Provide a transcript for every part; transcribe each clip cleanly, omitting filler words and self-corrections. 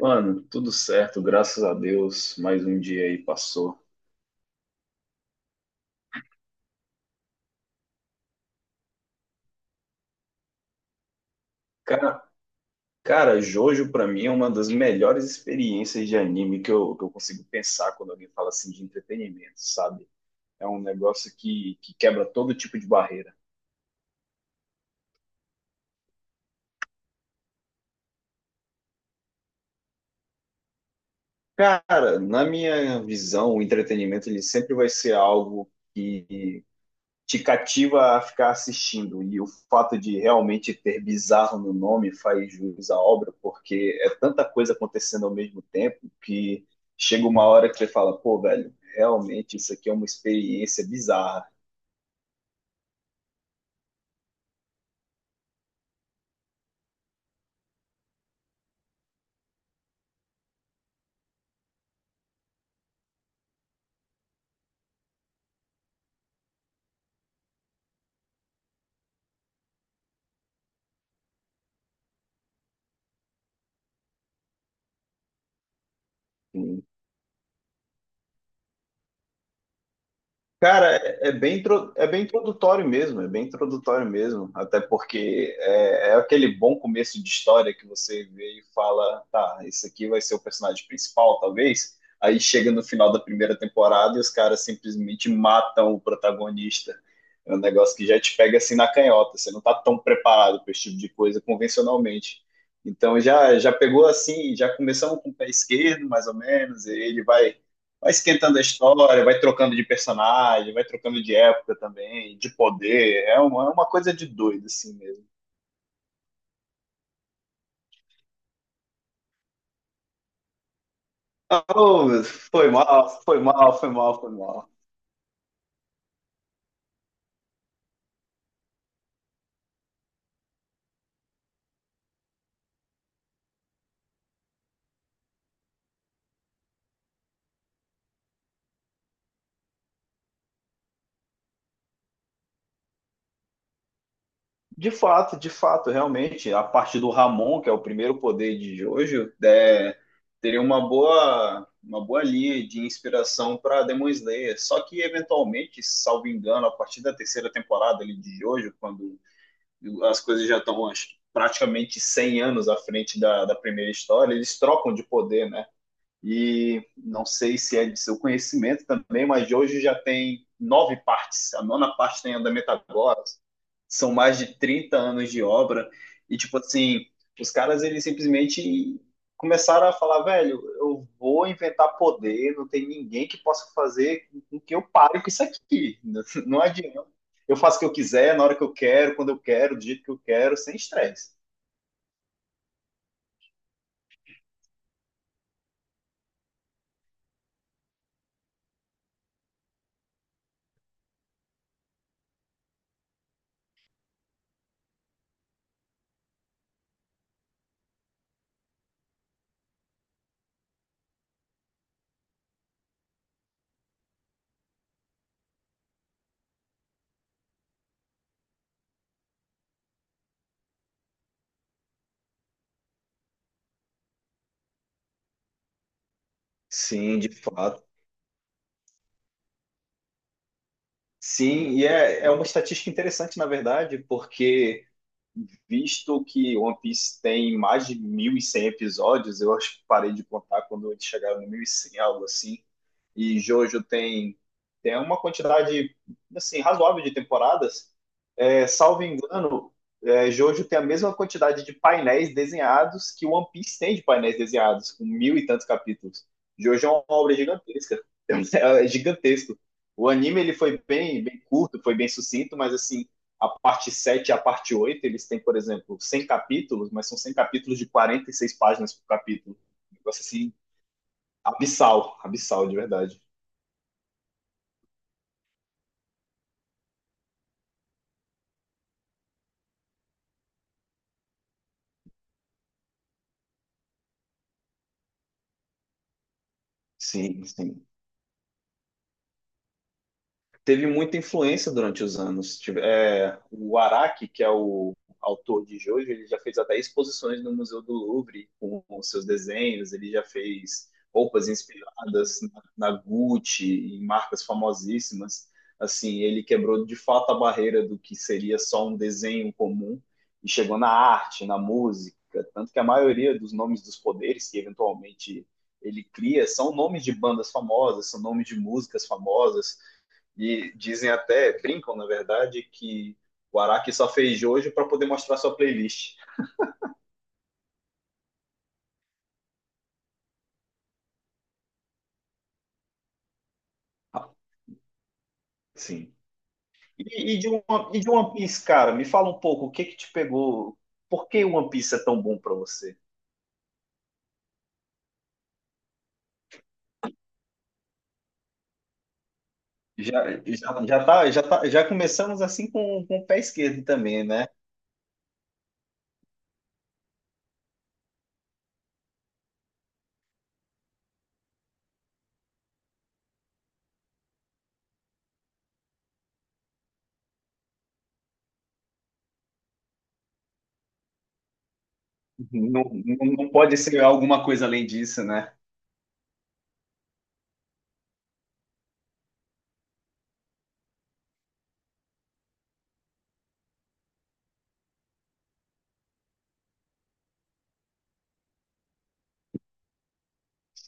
Mano, tudo certo, graças a Deus. Mais um dia aí passou. Cara, cara, Jojo pra mim é uma das melhores experiências de anime que eu consigo pensar quando alguém fala assim de entretenimento, sabe? É um negócio que quebra todo tipo de barreira. Cara, na minha visão, o entretenimento ele sempre vai ser algo que te cativa a ficar assistindo. E o fato de realmente ter bizarro no nome faz jus à obra, porque é tanta coisa acontecendo ao mesmo tempo que chega uma hora que você fala, pô, velho, realmente isso aqui é uma experiência bizarra. Assim, cara, é bem, é bem introdutório mesmo, é bem introdutório mesmo, até porque é aquele bom começo de história que você vê e fala, tá, esse aqui vai ser o personagem principal, talvez. Aí chega no final da primeira temporada e os caras simplesmente matam o protagonista. É um negócio que já te pega assim na canhota, você não tá tão preparado para esse tipo de coisa convencionalmente. Então já pegou assim, já começamos com o pé esquerdo, mais ou menos, e ele vai esquentando a história, vai trocando de personagem, vai trocando de época também, de poder. É uma coisa de doido, assim mesmo. Oh, foi mal, foi mal, foi mal, foi mal. De fato, realmente, a parte do Ramon, que é o primeiro poder de Jojo, teria uma boa linha de inspiração para Demon Slayer. Só que, eventualmente, salvo engano, a partir da terceira temporada ali, de Jojo, quando as coisas já estão acho, praticamente 100 anos à frente da primeira história, eles trocam de poder, né? E não sei se é de seu conhecimento também, mas de hoje já tem nove partes. A nona parte tem andamento agora. São mais de 30 anos de obra. E, tipo assim, os caras, eles simplesmente começaram a falar, velho, eu vou inventar poder, não tem ninguém que possa fazer com que eu pare com isso aqui. Não adianta. Eu faço o que eu quiser, na hora que eu quero, quando eu quero, do jeito que eu quero, sem estresse. Sim, de fato. Sim, e é uma estatística interessante, na verdade, porque visto que One Piece tem mais de 1.100 episódios, eu acho que parei de contar quando eles chegaram no 1.100 algo assim, e Jojo tem, tem uma quantidade, assim, razoável de temporadas, salvo engano, Jojo tem a mesma quantidade de painéis desenhados que One Piece tem de painéis desenhados, com mil e tantos capítulos. Jojo é uma obra gigantesca, é gigantesco. O anime ele foi bem, bem curto, foi bem sucinto, mas assim, a parte 7, e a parte 8, eles têm, por exemplo, 100 capítulos, mas são 100 capítulos de 46 páginas por capítulo. Um negócio assim, abissal, abissal de verdade. Sim, sim. Teve muita influência durante os anos. O Araki, que é o autor de Jojo, ele já fez até exposições no Museu do Louvre com seus desenhos, ele já fez roupas inspiradas na Gucci, em marcas famosíssimas. Assim, ele quebrou de fato a barreira do que seria só um desenho comum e chegou na arte, na música, tanto que a maioria dos nomes dos poderes que eventualmente ele cria são nomes de bandas famosas, são nomes de músicas famosas, e dizem até, brincam na verdade, que o Araki só fez hoje para poder mostrar sua playlist. Sim. E de One Piece, cara, me fala um pouco o que que te pegou? Por que One Piece é tão bom para você? Já começamos assim com, o pé esquerdo também, né? Não, não, não pode ser alguma coisa além disso, né?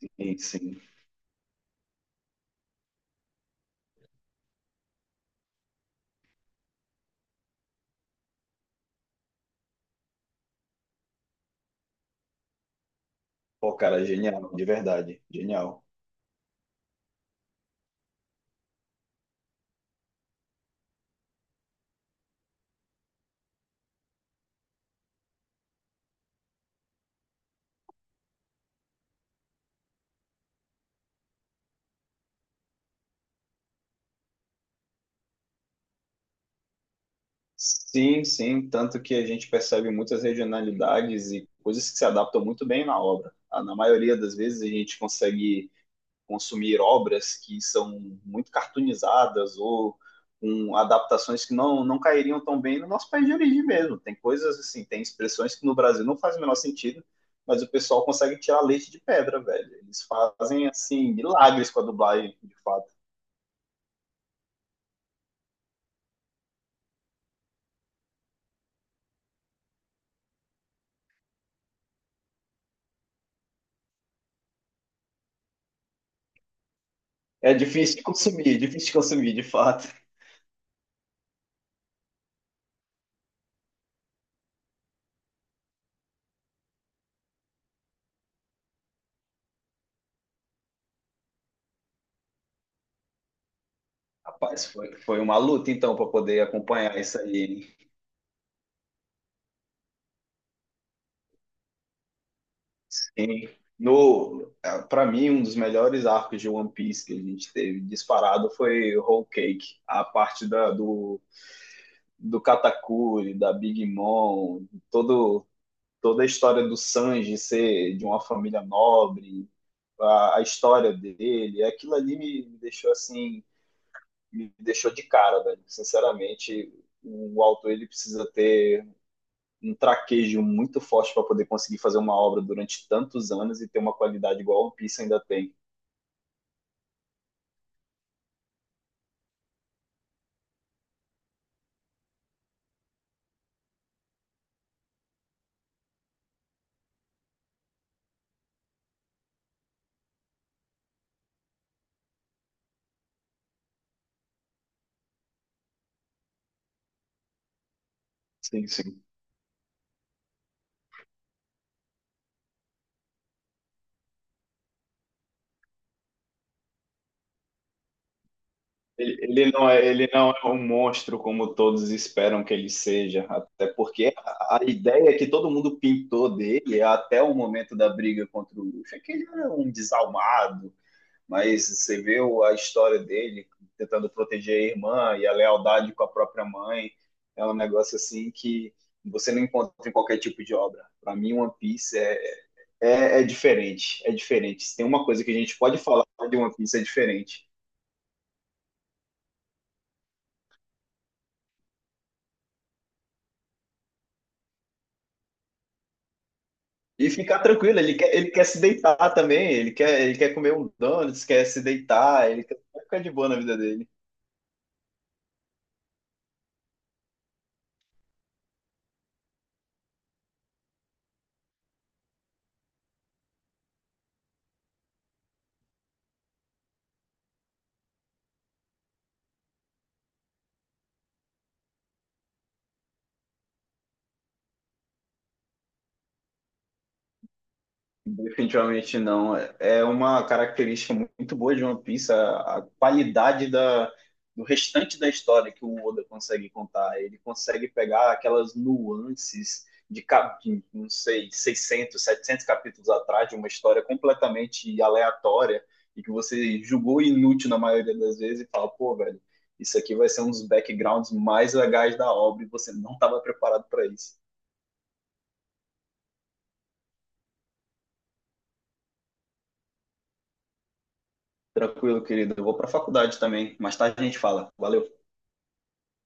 Sim, sim. Pô, cara, genial, de verdade, genial. Sim, sim, tanto que a gente percebe muitas regionalidades e coisas que se adaptam muito bem na obra. Ah, na maioria das vezes a gente consegue consumir obras que são muito cartoonizadas ou com adaptações que não, não cairiam tão bem no nosso país de origem mesmo. Tem coisas assim, tem expressões que no Brasil não faz o menor sentido, mas o pessoal consegue tirar leite de pedra, velho. Eles fazem assim milagres com a dublagem, de fato. É difícil de consumir, é difícil de consumir, de fato. Rapaz, foi uma luta então para poder acompanhar isso aí, hein? Sim. No, para mim, um dos melhores arcos de One Piece que a gente teve disparado foi Whole Cake, a parte da, do, do Katakuri, da Big Mom, todo, toda a história do Sanji ser de uma família nobre, a história dele, aquilo ali me deixou assim, me deixou de cara, velho. Sinceramente, o autor ele precisa ter um traquejo muito forte para poder conseguir fazer uma obra durante tantos anos e ter uma qualidade igual a One Piece ainda tem. Sim, sim. Ele, ele não é um monstro como todos esperam que ele seja, até porque a ideia que todo mundo pintou dele até o momento da briga contra o Luffy é que ele era um desalmado, mas você vê o- a história dele tentando proteger a irmã e a lealdade com a própria mãe. É um negócio assim que você não encontra em qualquer tipo de obra. Para mim, One Piece é diferente, é diferente. Se tem uma coisa que a gente pode falar de One Piece, é diferente. E ficar tranquilo, ele quer se deitar também, ele quer comer um donuts, quer se deitar, ele quer ficar de boa na vida dele. Definitivamente não. É uma característica muito boa de One Piece, a qualidade do restante da história que o Oda consegue contar. Ele consegue pegar aquelas nuances de, não sei, 600, 700 capítulos atrás, de uma história completamente aleatória e que você julgou inútil na maioria das vezes e fala, pô, velho, isso aqui vai ser um dos backgrounds mais legais da obra e você não estava preparado para isso. Tranquilo, querido. Eu vou para a faculdade também. Mais tarde a gente fala. Valeu.